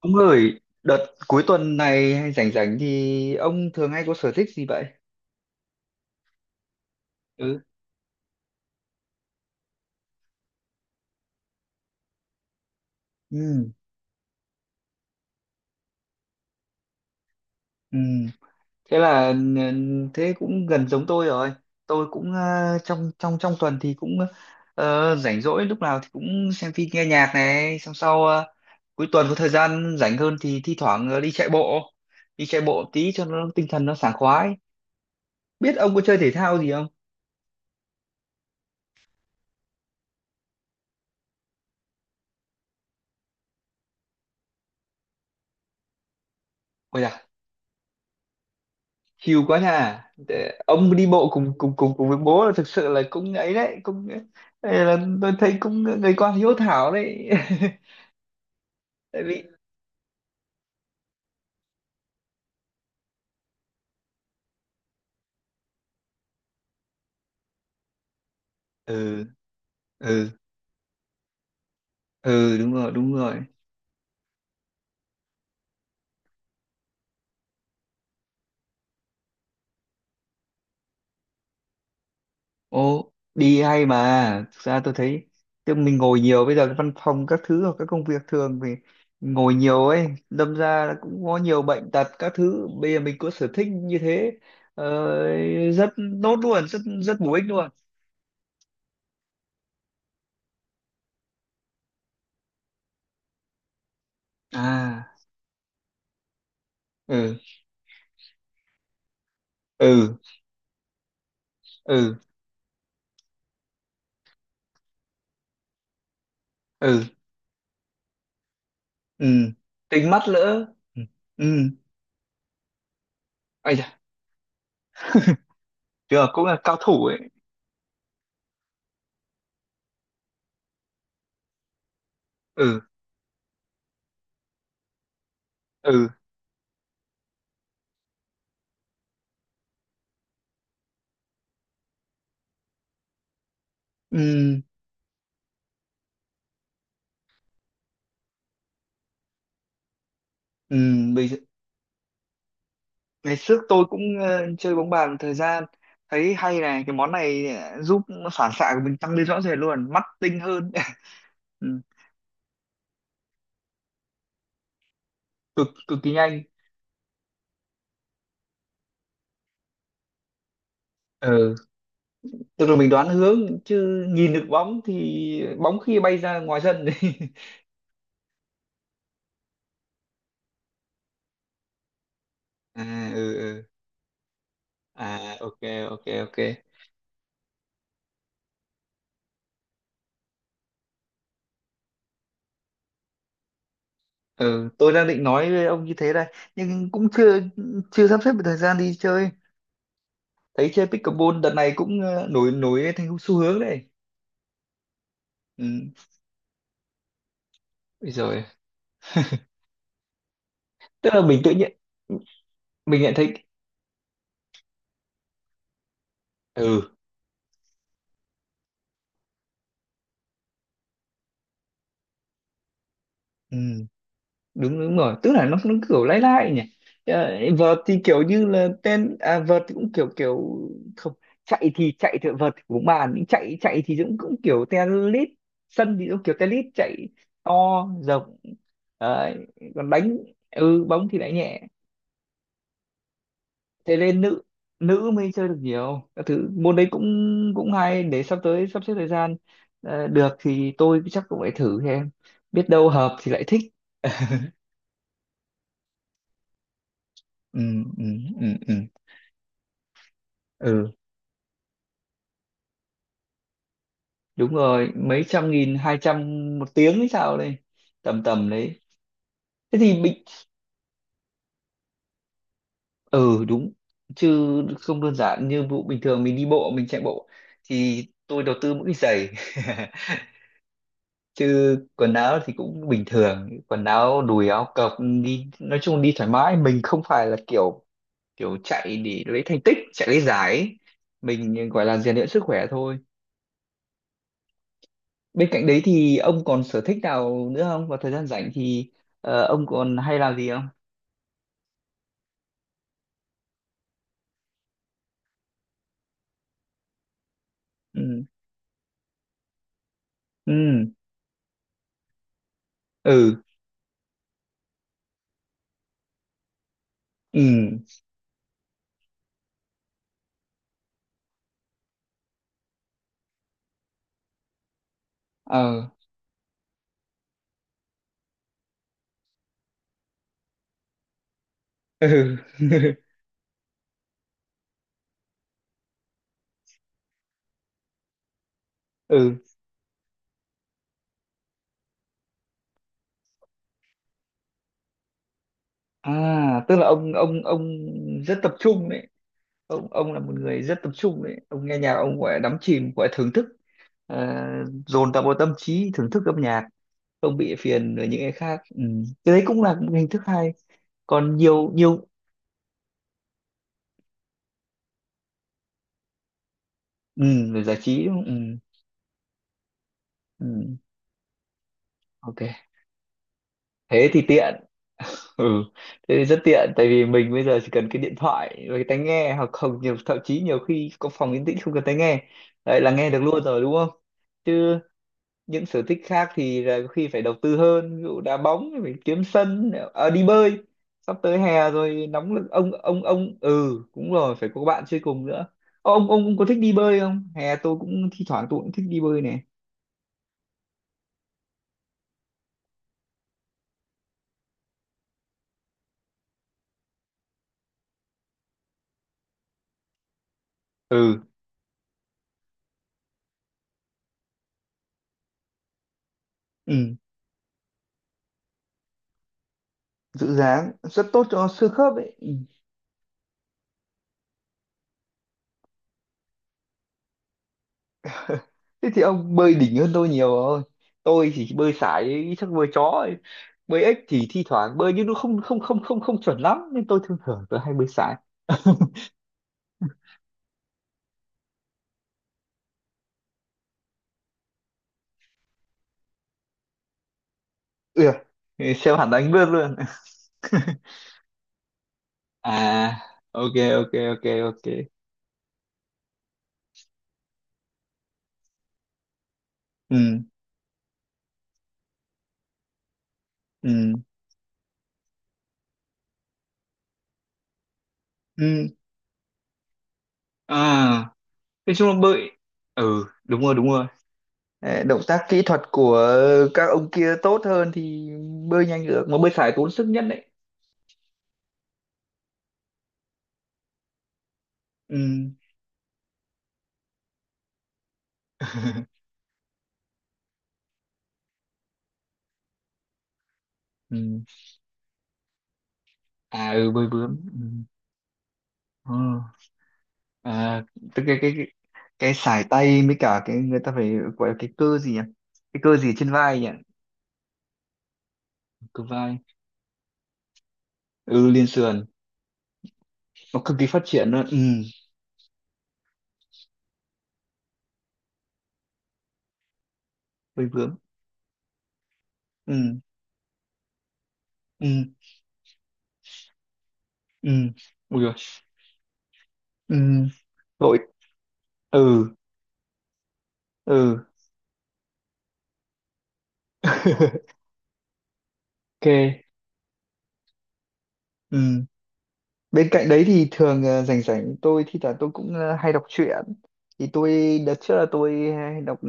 Ông ơi, đợt cuối tuần này hay rảnh rảnh thì ông thường hay có sở thích gì vậy? Ừ. Ừ. Ừ. Thế là thế cũng gần giống tôi rồi. Tôi cũng trong trong trong tuần thì cũng rảnh rỗi lúc nào thì cũng xem phim nghe nhạc này, xong sau cuối tuần có thời gian rảnh hơn thì thi thoảng đi chạy bộ tí cho nó tinh thần nó sảng khoái. Biết ông có chơi thể thao gì không? Ôi hiu quá nhà. Ông đi bộ cùng cùng cùng cùng với bố là thực sự là cũng ấy đấy, cũng đây là tôi thấy cũng người con hiếu thảo đấy. Tại vì ừ ừ ừ đúng rồi đúng rồi, ô đi hay, mà thực ra tôi thấy chứ mình ngồi nhiều, bây giờ cái văn phòng các thứ hoặc các công việc thường thì ngồi nhiều ấy, đâm ra là cũng có nhiều bệnh tật các thứ. Bây giờ mình có sở thích như thế ờ, rất tốt luôn, rất rất bổ ích luôn. À, ừ ừ ừ ừ ừ, tính mắt lỡ, ừ ừ, ây da, chưa cũng là cao thủ ấy. Ừ ừ ừ ừ. Bây giờ, ngày trước tôi cũng chơi bóng bàn thời gian, thấy hay này, cái món này giúp phản xạ của mình tăng lên rõ rệt luôn, mắt tinh hơn. Ừ, cực cực kỳ nhanh. Ừ, tức là mình đoán hướng chứ nhìn được bóng thì bóng khi bay ra ngoài sân. À, ừ ừ. À, ok ok ok. Ừ, tôi đang định nói với ông như thế đây nhưng cũng chưa chưa sắp xếp được thời gian đi chơi. Thấy chơi pickleball đợt này cũng nổi nổi thành xu hướng đấy. Ừ. Bây giờ tức là mình tự nhiên mình nhận thấy. Ừ, ừ đúng đúng rồi, tức là nó kiểu lai lai nhỉ. Vợt thì kiểu như là tên, à, vợt thì cũng kiểu kiểu, không chạy thì vợt thì cũng bàn, nhưng chạy chạy thì cũng cũng kiểu tennis, sân thì cũng kiểu tennis chạy, to rộng. Đấy. Còn đánh, bóng thì đánh nhẹ, thế nên nữ nữ mới chơi được, nhiều các thứ môn đấy cũng cũng hay, để sắp tới sắp xếp thời gian được thì tôi chắc cũng phải thử xem, biết đâu hợp thì lại thích. Ừ, ừ, ừ, ừ. Ừ. Đúng rồi, mấy trăm nghìn, 200 một tiếng hay sao đây, tầm tầm đấy. Thế thì mình, ừ đúng, chứ không đơn giản như vụ bình thường mình đi bộ mình chạy bộ thì tôi đầu tư mỗi cái giày. Chứ quần áo thì cũng bình thường, quần áo đùi áo cộc, đi nói chung đi thoải mái, mình không phải là kiểu kiểu chạy để lấy thành tích, chạy lấy giải ấy. Mình gọi là rèn luyện sức khỏe thôi. Bên cạnh đấy thì ông còn sở thích nào nữa không, vào thời gian rảnh thì ông còn hay làm gì không? Ừ. Ừ ừ ừ ờ ừ. Ừ. À, tức là ông rất tập trung đấy, ông là một người rất tập trung đấy, ông nghe nhạc, ông gọi là đắm chìm, gọi là thưởng thức. uh, Dồn tập vào tâm trí thưởng thức âm nhạc, không bị phiền với những cái khác. Ừ. Cái đấy cũng là một hình thức hay, còn nhiều nhiều. Ừ, để giải trí đúng không? Ừ. Ừ. Ok, thế thì tiện, ừ, thế thì rất tiện tại vì mình bây giờ chỉ cần cái điện thoại và cái tai nghe, hoặc không nhiều, thậm chí nhiều khi có phòng yên tĩnh không cần tai nghe, đấy là nghe được luôn rồi đúng không? Chứ những sở thích khác thì là có khi phải đầu tư hơn, ví dụ đá bóng thì phải kiếm sân, à, đi bơi sắp tới hè rồi nóng lực, ông ừ, cũng rồi phải có bạn chơi cùng nữa. Ô, ông cũng có thích đi bơi không? Hè tôi cũng thi thoảng tôi cũng thích đi bơi này. Ừ ừ, giữ dáng rất tốt cho xương khớp ấy. Thế thì ông bơi đỉnh hơn tôi nhiều rồi, tôi chỉ bơi sải chắc bơi chó ấy. Bơi ếch thì thi thoảng bơi nhưng nó không không không không không chuẩn lắm nên tôi thường thường tôi hay bơi sải. Ừ, xem hẳn đánh bơi luôn. À, ok ok ok ok. Ừ ừ ừ. À, nói chung là bơi. Ừ đúng rồi đúng rồi. Ờ, động tác kỹ thuật của các ông kia tốt hơn thì bơi nhanh được, mà bơi sải tốn sức nhất đấy. Ừ. Ừ. À, ừ bơi bướm. Ừ. Ờ. À, tức cái, cái sải tay với cả cái người ta phải gọi là cái cơ gì nhỉ, cái cơ gì trên vai nhỉ. Cơ vai, ừ liên sườn, nó cực kỳ phát triển luôn. Ừ bơi bướm. Ừ ừ ừ ui rồi. Ừ đội. Ừ ừ. Ok. Ừ. Bên cạnh đấy thì thường rảnh rảnh tôi thi thoảng tôi cũng hay đọc truyện. Thì tôi đợt trước là tôi hay đọc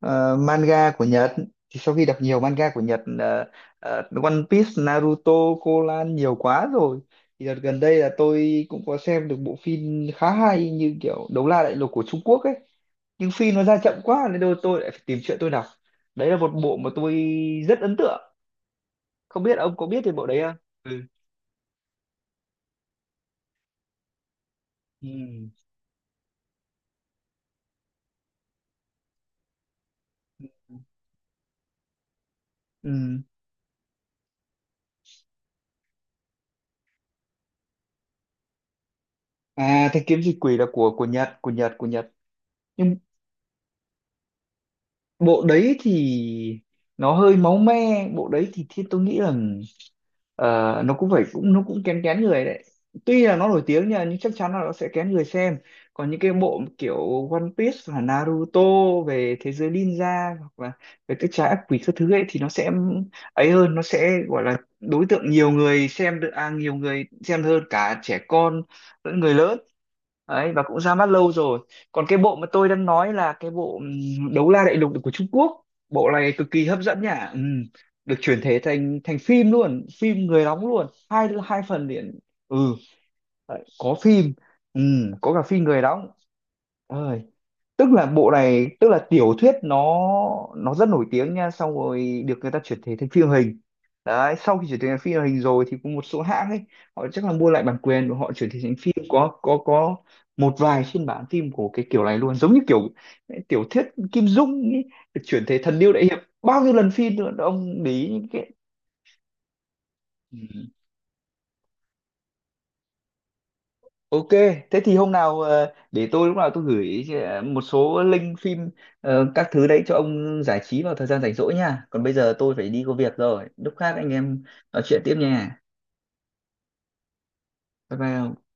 manga của Nhật. Thì sau khi đọc nhiều manga của Nhật One Piece, Naruto, Conan nhiều quá rồi. Thì đợt gần đây là tôi cũng có xem được bộ phim khá hay, như kiểu Đấu La Đại Lục của Trung Quốc ấy. Nhưng phim nó ra chậm quá nên đôi tôi lại phải tìm truyện tôi đọc. Đấy là một bộ mà tôi rất ấn tượng. Không biết ông có biết về bộ đấy không? Ừ. Ừ. Ừ. À, Thanh kiếm diệt quỷ là của Nhật, của Nhật, của Nhật. Nhưng bộ đấy thì nó hơi máu me, bộ đấy thì, tôi nghĩ là ờ, nó cũng phải, cũng nó cũng kén kén người đấy. Tuy là nó nổi tiếng nha, nhưng chắc chắn là nó sẽ kén người xem. Còn những cái bộ kiểu One Piece hoặc Naruto về thế giới ninja, hoặc là về các trái ác quỷ các thứ ấy, thì nó sẽ ấy hơn, nó sẽ gọi là đối tượng nhiều người xem được, à nhiều người xem hơn, cả trẻ con lẫn người lớn. Đấy, và cũng ra mắt lâu rồi. Còn cái bộ mà tôi đang nói là cái bộ Đấu La Đại Lục của Trung Quốc, bộ này cực kỳ hấp dẫn nhá. Được chuyển thể thành thành phim luôn, phim người đóng luôn, hai hai phần liền. Ừ đấy, có phim. Có cả phim người đóng ơi, tức là bộ này, tức là tiểu thuyết nó rất nổi tiếng nha, xong rồi được người ta chuyển thể thành phim hình, đấy sau khi chuyển thể thành phim hình rồi thì có một số hãng ấy, họ chắc là mua lại bản quyền và họ chuyển thể thành phim, có một vài phiên bản phim của cái kiểu này luôn, giống như kiểu tiểu thuyết Kim Dung ấy, được chuyển thể thần điêu đại hiệp bao nhiêu lần phim nữa, ông để ý những cái. Ok, thế thì hôm nào để tôi lúc nào tôi gửi một số link phim các thứ đấy cho ông giải trí vào thời gian rảnh rỗi nha. Còn bây giờ tôi phải đi có việc rồi. Lúc khác anh em nói chuyện tiếp nha. Bye bye ông.